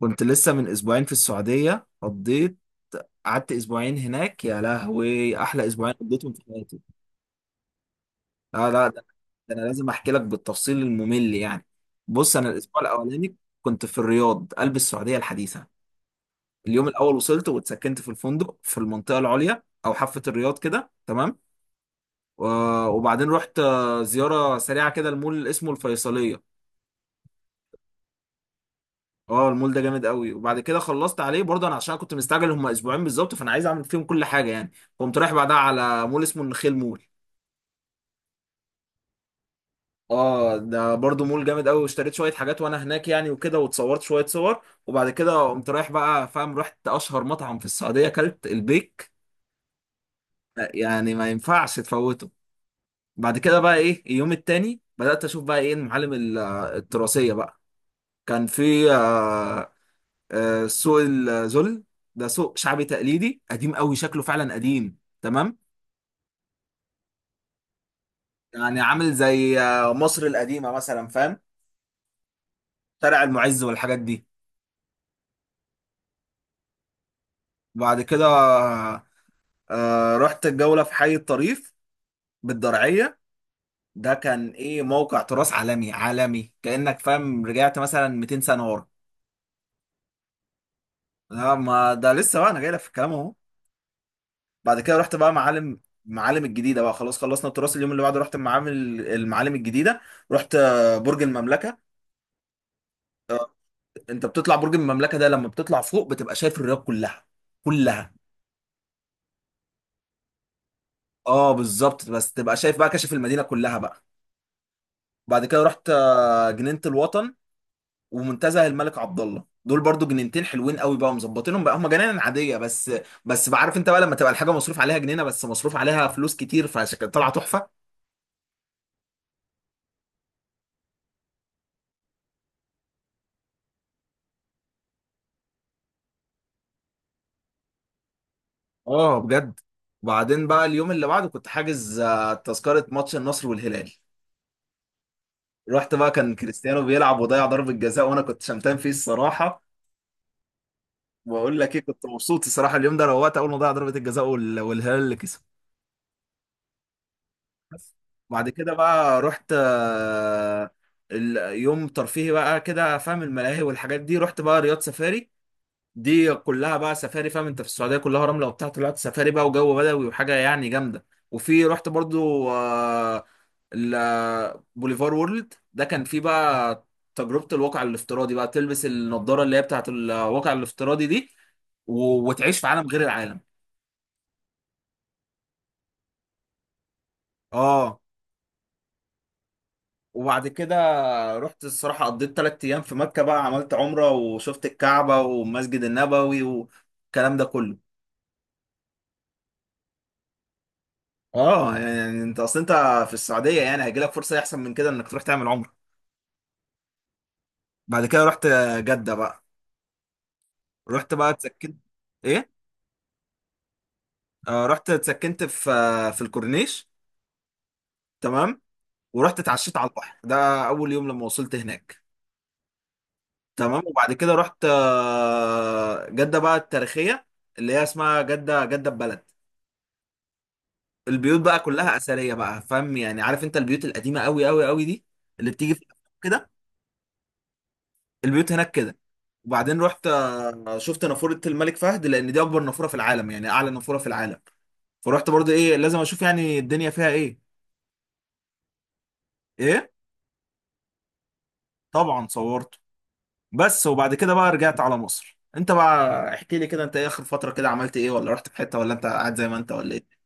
كنت لسه من اسبوعين في السعودية قضيت قعدت اسبوعين هناك. يا لهوي احلى اسبوعين قضيتهم في حياتي. لا لا ده, ده انا لازم احكي لك بالتفصيل الممل يعني. بص انا الاسبوع الاولاني كنت في الرياض قلب السعودية الحديثة. اليوم الاول وصلت واتسكنت في الفندق في المنطقة العليا او حافة الرياض كده تمام. و- وبعدين رحت زيارة سريعة كده المول اسمه الفيصلية. اه المول ده جامد قوي، وبعد كده خلصت عليه برضه انا عشان كنت مستعجل، هم اسبوعين بالظبط فانا عايز اعمل فيهم كل حاجه يعني. قمت رايح بعدها على مول اسمه النخيل مول. اه ده برضه مول جامد قوي، واشتريت شويه حاجات وانا هناك يعني وكده، واتصورت شويه صور. وبعد كده قمت رايح بقى، فاهم، رحت اشهر مطعم في السعوديه، اكلت البيك. يعني ما ينفعش تفوته. بعد كده بقى ايه، اليوم التاني بدات اشوف بقى ايه المعالم التراثيه بقى. كان في سوق الذل. ده سوق شعبي تقليدي قديم قوي، شكله فعلا قديم تمام. يعني عامل زي مصر القديمة مثلا، فاهم، شارع المعز والحاجات دي. بعد كده رحت الجولة في حي الطريف بالدرعية. ده كان ايه، موقع تراث عالمي عالمي كأنك فاهم رجعت مثلا 200 سنة ورا. لا ما ده لسه، بقى انا جاي لك في الكلام اهو. بعد كده رحت بقى معالم، الجديدة بقى، خلاص خلصنا التراث. اليوم اللي بعده رحت المعالم، الجديدة. رحت برج المملكة. انت بتطلع برج المملكه ده لما بتطلع فوق، بتبقى شايف الرياض كلها كلها. اه بالظبط، بس تبقى شايف بقى كشف المدينه كلها بقى. بعد كده رحت جنينه الوطن ومنتزه الملك عبد الله. دول برضو جنينتين حلوين قوي بقى، مظبطينهم بقى، هم جنان عاديه بس، بس بعرف انت بقى لما تبقى الحاجه مصروف عليها جنينه، بس مصروف عليها فلوس كتير، فعشان طالعه تحفه. اه بجد. وبعدين بقى اليوم اللي بعده كنت حاجز تذكره ماتش النصر والهلال. رحت بقى، كان كريستيانو بيلعب وضيع ضربه جزاء، وانا كنت شمتان فيه الصراحه. بقول لك ايه، كنت مبسوط الصراحه اليوم ده، روقت اول ما ضيع ضربه الجزاء وال- والهلال اللي كسب بس. بعد كده بقى رحت اليوم ترفيهي بقى كده، فاهم، الملاهي والحاجات دي. رحت بقى رياض سفاري، دي كلها بقى سفاري، فاهم انت، في السعوديه كلها رمله وبتاع، طلعت سفاري بقى وجو بدوي وحاجه يعني جامده. وفي رحت برضو بوليفار وورلد، ده كان فيه بقى تجربه الواقع الافتراضي بقى، تلبس النضاره اللي هي بتاعت الواقع الافتراضي دي، و- وتعيش في عالم غير العالم. اه. وبعد كده رحت الصراحة، قضيت تلات أيام في مكة بقى، عملت عمرة وشفت الكعبة والمسجد النبوي والكلام ده كله. اه يعني انت اصل انت في السعودية يعني، هيجيلك فرصة احسن من كده انك تروح تعمل عمرة. بعد كده رحت جدة بقى، رحت بقى اتسكنت. ايه؟ آه رحت اتسكنت في في الكورنيش تمام. ورحت اتعشيت على البحر، ده اول يوم لما وصلت هناك. تمام. وبعد كده رحت جدة بقى التاريخية، اللي هي اسمها جدة جدة بلد. البيوت بقى كلها اثريه بقى، فاهم يعني، عارف انت البيوت القديمه قوي قوي قوي دي اللي بتيجي في الأفلام كده، البيوت هناك كده. وبعدين رحت شفت نافوره الملك فهد، لان دي اكبر نافوره في العالم يعني اعلى نافوره في العالم. فرحت برضو ايه، لازم اشوف يعني الدنيا فيها ايه. ايه؟ طبعا صورته. بس وبعد كده بقى رجعت على مصر. انت بقى احكي لي كده، انت ايه اخر فتره كده عملت ايه، ولا رحت في حته، ولا انت قاعد زي ما انت ولا ايه؟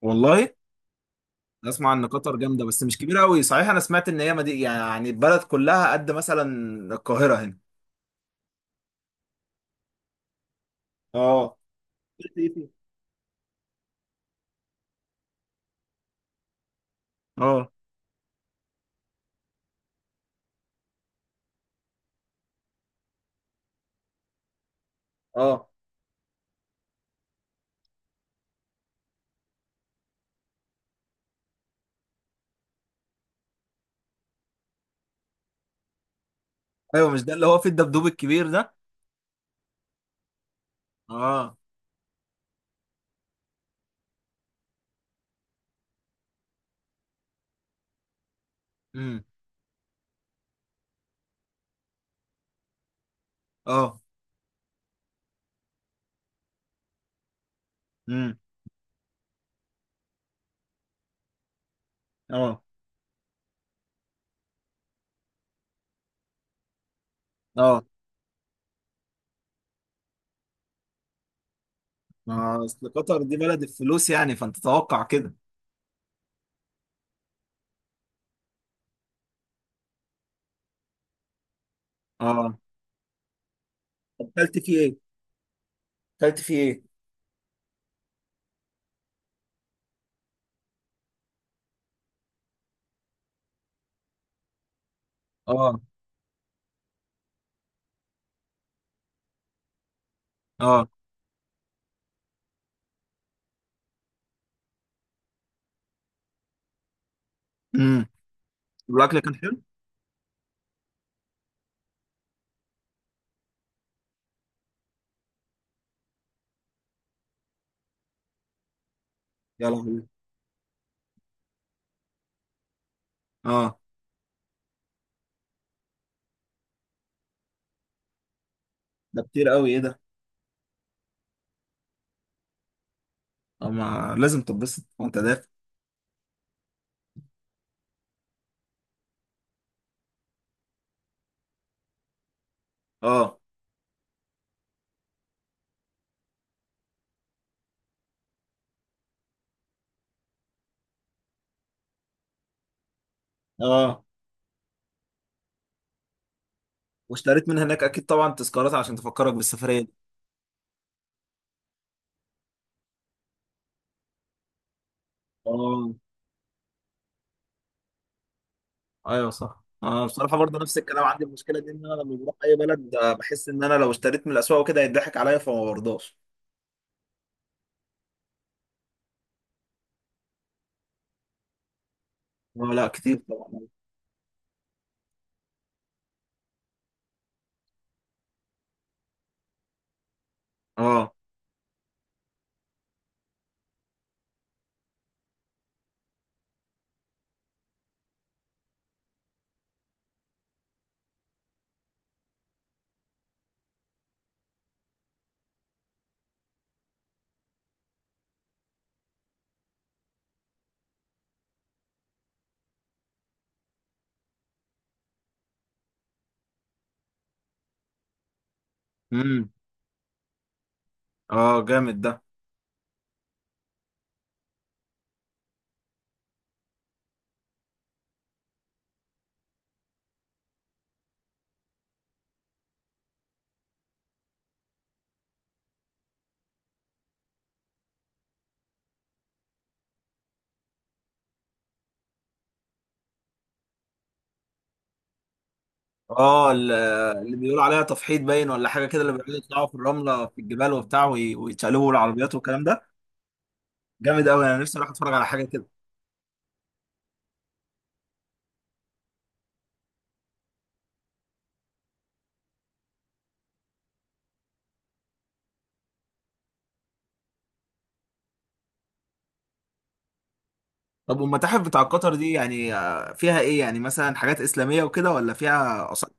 والله؟ اسمع ان قطر جامده بس مش كبيره قوي، صحيح انا سمعت ان هي يعني البلد كلها قد مثلا القاهره هنا. اه. اه. اه. ايوه، مش ده اللي هو في الدبدوب الكبير ده؟ اه. امم. اه. امم. اه. اه ما اصل قطر دي بلد الفلوس يعني، فانت تتوقع كده. اه. طب اكلت فيه ايه؟ اكلت فيه ايه؟ اه. اه. امم. والاكل كان حلو؟ يا لهوي. اه. ده كتير قوي، ايه ده؟ اه ما لازم تتبسط وانت دافع. اه. اه واشتريت من هناك اكيد طبعا تذكارات عشان تفكرك بالسفريه دي. اه. ايوه صح، انا بصراحه برضه نفس الكلام عندي، المشكله دي ان انا لما بروح اي بلد بحس ان انا لو اشتريت من الاسواق وكده هيضحك عليا، فما برضاش. اه لا كتير طبعا. اه. امم. اه جامد ده. اه، اللي بيقولوا عليها تفحيط باين ولا حاجه كده، اللي بيقعدوا يطلعوا في الرمله في الجبال وبتاع وي- ويتشقلبوا العربيات والكلام ده. جامد قوي، انا نفسي اروح اتفرج على حاجه كده. طب والمتاحف بتاع قطر دي يعني فيها ايه يعني، مثلا حاجات اسلاميه وكده، ولا فيها اثار؟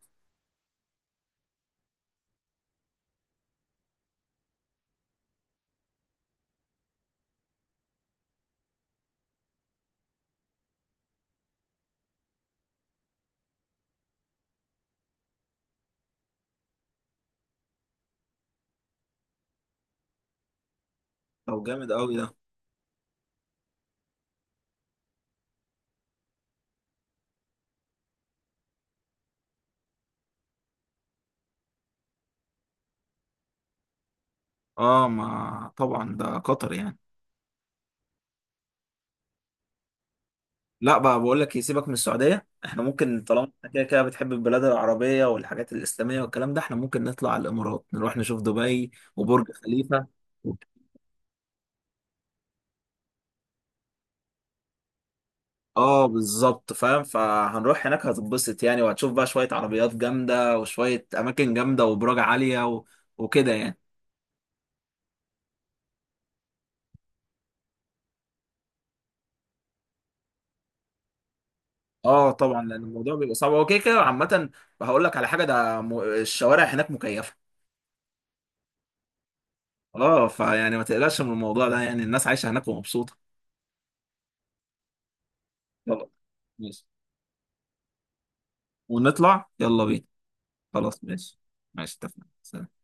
طب جامد قوي ده. اه ما طبعا ده قطر يعني. لا بقى، بقول لك يسيبك من السعودية، احنا ممكن، طالما إحنا كده كده بتحب البلاد العربية والحاجات الإسلامية والكلام ده، احنا ممكن نطلع على الإمارات، نروح نشوف دبي وبرج خليفة. اه بالظبط، فاهم، فهنروح هناك هتتبسط يعني، وهتشوف بقى شوية عربيات جامدة وشوية أماكن جامدة وبراج عالية و... وكده يعني. اه طبعا، لأن الموضوع بيبقى صعب هو كده كده عامة. هقول لك على حاجة، الشوارع هناك مكيفة. اه، فيعني ما تقلقش من الموضوع ده، يعني الناس عايشة هناك ومبسوطة. يلا. ماشي. ونطلع يلا بينا. خلاص ماشي. ماشي اتفقنا.